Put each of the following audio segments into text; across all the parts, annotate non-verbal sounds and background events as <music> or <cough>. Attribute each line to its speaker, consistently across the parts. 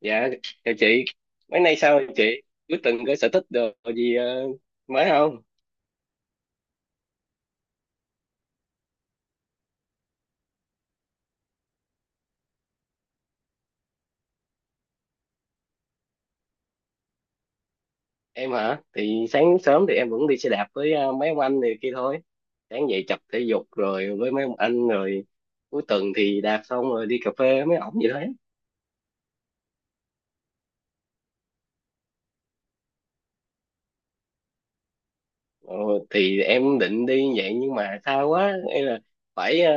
Speaker 1: Dạ, chào chị. Mấy nay sao rồi chị? Cuối tuần có sở thích đồ gì mới không? Em hả? Thì sáng sớm thì em vẫn đi xe đạp với mấy ông anh này kia thôi. Sáng dậy tập thể dục rồi với mấy ông anh rồi. Cuối tuần thì đạp xong rồi đi cà phê với mấy ổng vậy đấy. ờ, thì em định đi vậy nhưng mà xa quá, hay là phải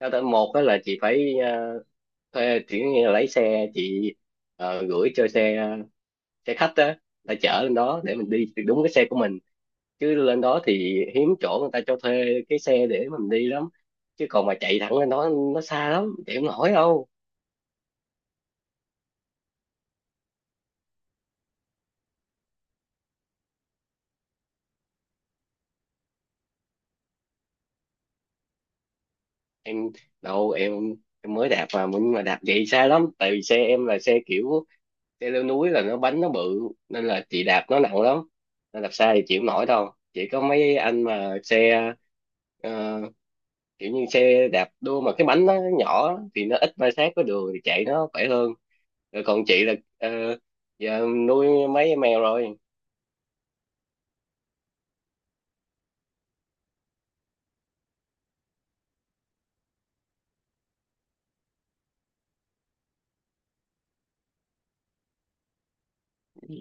Speaker 1: sao ta, một đó là chị phải thuê chỉ như là lấy xe chị gửi cho xe, xe khách á, đã chở lên đó để mình đi đúng cái xe của mình. Chứ lên đó thì hiếm chỗ người ta cho thuê cái xe để mình đi lắm. Chứ còn mà chạy thẳng lên đó nó xa lắm, chạy không nổi đâu. Em đâu em mới đạp mà, nhưng mà đạp vậy xa lắm. Tại vì xe em là xe kiểu xe leo núi, là nó bánh nó bự nên là chị đạp nó nặng lắm. Nên đạp xa thì chịu không nổi đâu, chỉ có mấy anh mà xe ờ, kiểu như xe đạp đua, mà cái bánh nó nhỏ á, thì nó ít ma sát với đường thì chạy nó khỏe hơn. Rồi còn chị là giờ nuôi mấy em mèo rồi.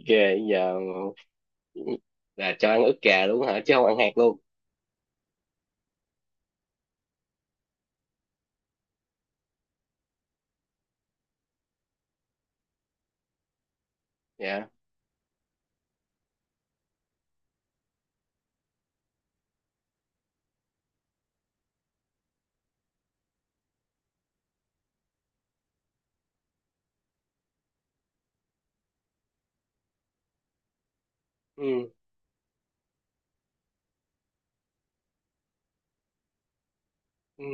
Speaker 1: Ghê giờ. Ừ, là cho ăn ức gà luôn hả, chứ không ăn hạt luôn? Dạ. Ừ. Ừ.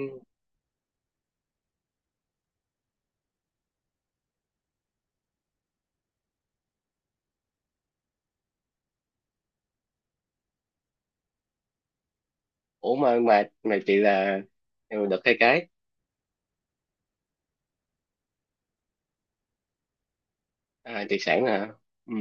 Speaker 1: Ủa mà chị là em được cái. À, chị sẵn hả? Ừ.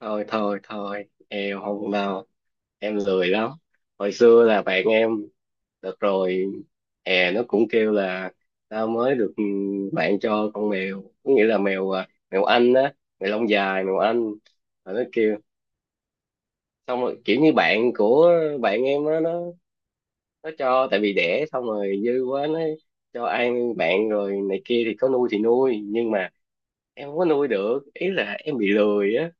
Speaker 1: Thôi thôi thôi, em không đâu, em lười lắm. Hồi xưa là bạn em, được rồi hè, nó cũng kêu là tao mới được, bạn cho con mèo, có nghĩa là mèo à, mèo Anh á, mèo lông dài, mèo Anh. Rồi nó kêu, xong rồi kiểu như bạn của bạn em á, nó cho, tại vì đẻ xong rồi dư quá, nó cho ăn bạn rồi này kia, thì có nuôi thì nuôi nhưng mà em không có nuôi được, ý là em bị lười á.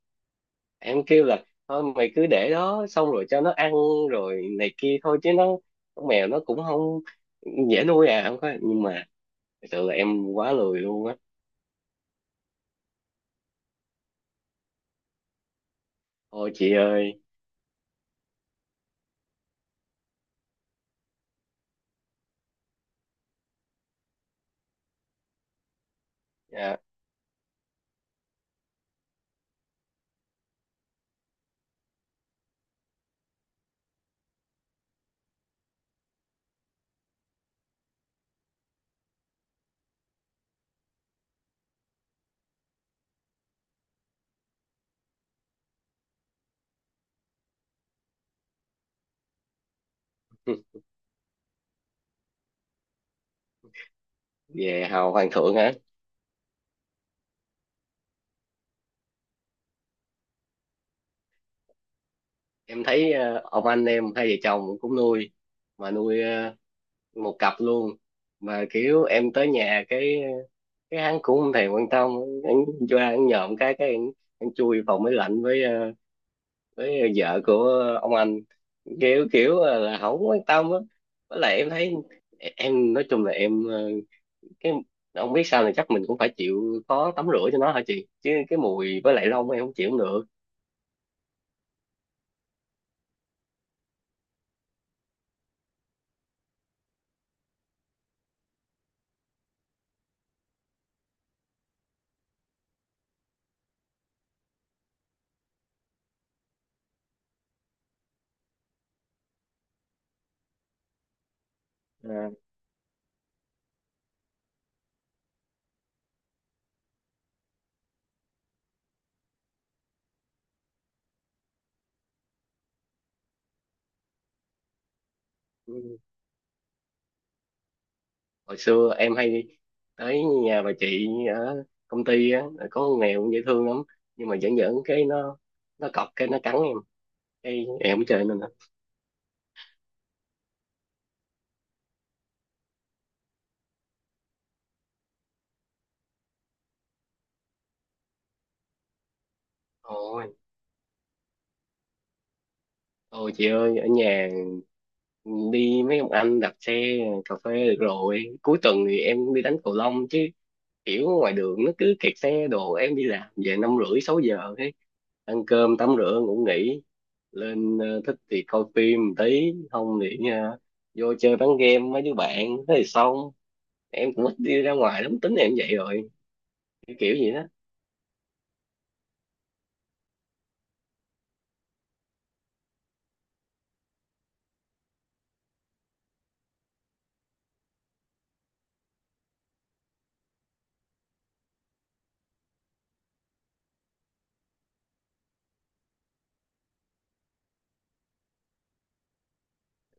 Speaker 1: Em kêu là thôi mày cứ để đó, xong rồi cho nó ăn rồi này kia thôi. Chứ nó, con mèo nó cũng không dễ nuôi à, không có, nhưng mà thật sự là em quá lười luôn á. Thôi chị ơi. À, <laughs> về hầu hoàng thượng hả? Em thấy ông anh em hai vợ chồng cũng nuôi, mà nuôi một cặp luôn. Mà kiểu em tới nhà cái hắn cũng không thèm quan tâm, hắn cho hắn nhòm cái hắn chui vào máy lạnh với vợ của ông anh, kiểu kiểu là không quan tâm á. Với lại em thấy, em nói chung là em cái không biết, sao này chắc mình cũng phải chịu khó tắm rửa cho nó hả chị, chứ cái mùi với lại lông em không chịu cũng được. À, hồi xưa em hay đi tới nhà bà chị ở công ty á, có con mèo cũng dễ thương lắm. Nhưng mà giỡn giỡn cái nó cọc cái nó cắn em, cái em không chơi nên. Ôi, ôi chị ơi, ở nhà đi mấy ông anh đạp xe cà phê được rồi. Cuối tuần thì em đi đánh cầu lông chứ, kiểu ngoài đường nó cứ kẹt xe đồ. Em đi làm về năm rưỡi sáu giờ ấy. Ăn cơm, tắm rửa, ngủ nghỉ, lên thích thì coi phim một tí, không thì vô chơi bán game với đứa bạn thế thì xong. Em cũng ít đi ra ngoài lắm, tính em vậy rồi kiểu gì đó.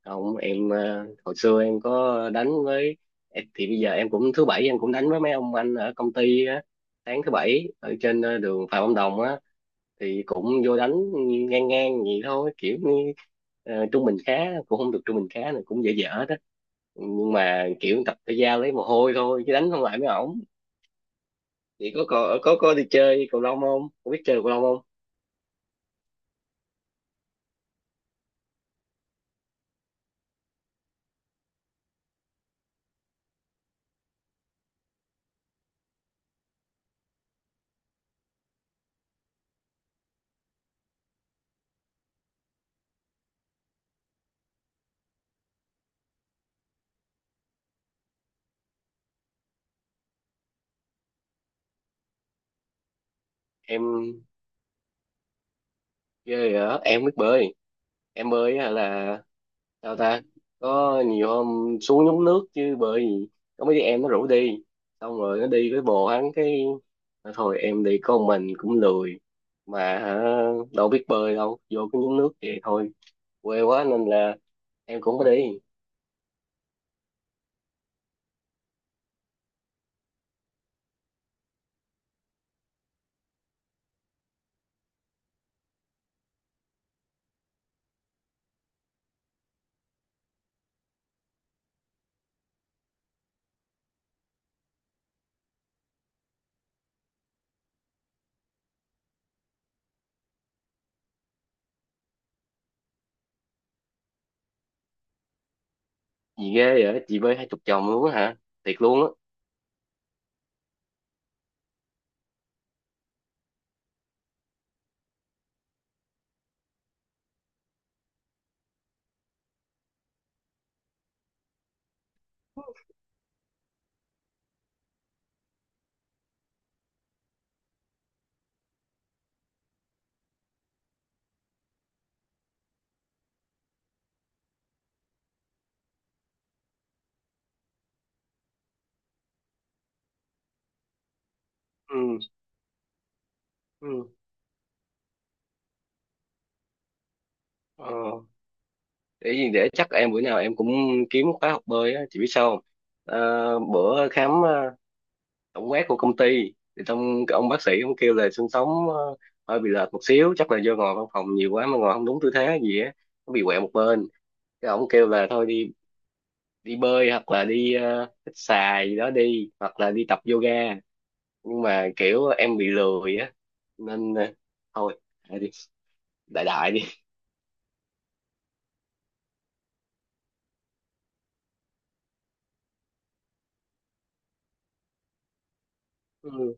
Speaker 1: Không, em hồi xưa em có đánh với thì bây giờ em cũng thứ bảy em cũng đánh với mấy ông anh ở công ty á. Sáng thứ bảy ở trên đường Phạm Văn Đồng á, thì cũng vô đánh ngang ngang vậy thôi, kiểu như trung bình khá, cũng không được trung bình khá, này cũng dở dở đó. Nhưng mà kiểu tập thể giao lấy mồ hôi thôi, chứ đánh không lại mấy ổng. Thì có đi chơi cầu lông không, có biết chơi cầu lông không? Em chơi hả? Em biết bơi. Em bơi á là, sao ta? Có nhiều hôm xuống nhúng nước, chứ bởi vì có mấy đứa em nó rủ đi. Xong rồi nó đi với bồ hắn, cái nói thôi em đi con, mình cũng lười mà hả, đâu biết bơi đâu, vô cái nhúng nước vậy thôi. Quê quá nên là em cũng phải đi. Gì ghê vậy? Chị bơi 20 chồng luôn á hả? Thiệt luôn á. Ừ. Ừ. Ờ. Để gì, để chắc em bữa nào em cũng kiếm khóa học bơi á, chị biết sao không? Bữa khám tổng quát của công ty thì trong cái ông bác sĩ ông kêu là xương sống hơi bị lệch một xíu, chắc là do ngồi văn phòng nhiều quá mà ngồi không đúng tư thế gì á, nó bị quẹo một bên. Cái ông kêu là thôi đi, đi bơi hoặc là đi hít xà gì đó đi, hoặc là đi tập yoga. Nhưng mà kiểu em bị lười á, nên thôi đại đi, đại đại đi. Ừ,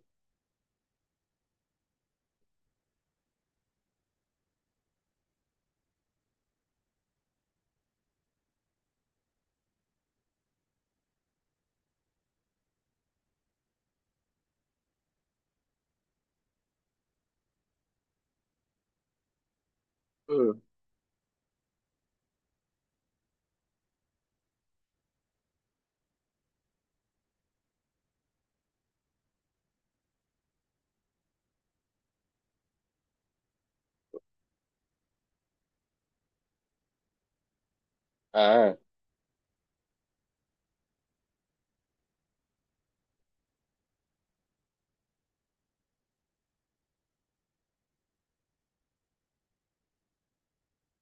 Speaker 1: ừ, à,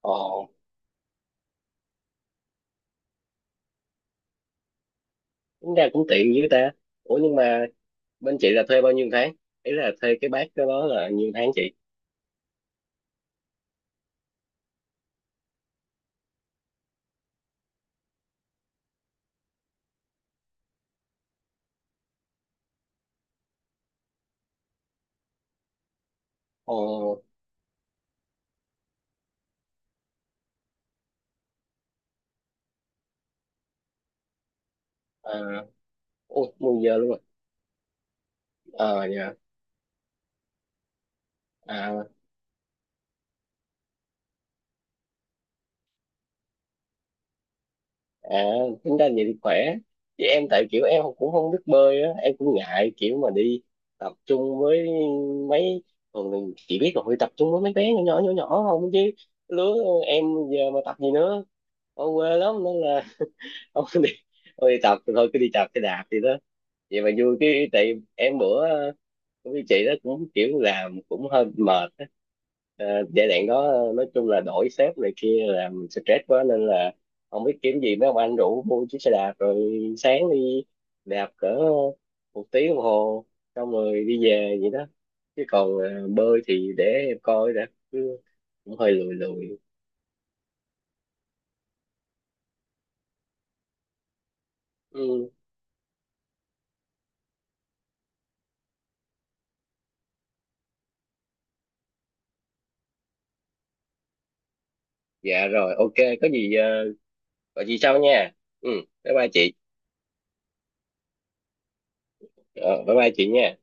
Speaker 1: ồ, tính ra cũng tiện dữ ta. Ủa nhưng mà bên chị là thuê bao nhiêu tháng? Ý là thuê cái bác đó là nhiêu tháng chị? Ồ. À. Ôi, 10 giờ luôn rồi. Ờ dạ. À, à, tính ra vậy thì khỏe. Chứ em tại kiểu em cũng không biết bơi á, em cũng ngại kiểu mà đi tập trung với mấy, thường mình chỉ biết là phải tập trung với mấy bé nhỏ nhỏ nhỏ nhỏ không chứ, lứa em giờ mà tập gì nữa. Ở quê lắm nên là không <laughs> đi, không đi tập thì thôi, cứ đi tập cái đạp gì đó vậy mà vui. Cái tại em bữa cũng như chị đó cũng kiểu làm cũng hơi mệt á. Ờ, giai đoạn đó nói chung là đổi sếp này kia làm mình stress quá, nên là không biết kiếm gì, mấy ông anh rủ mua chiếc xe đạp rồi sáng đi đạp cỡ 1 tiếng đồng hồ xong rồi đi về vậy đó. Chứ còn bơi thì để em coi đã, chứ cũng hơi lười lười. Ừ, dạ rồi, ok. Có gì gọi chị sau nha. Ừ, bye bye chị. Ờ, Bye bye chị nha.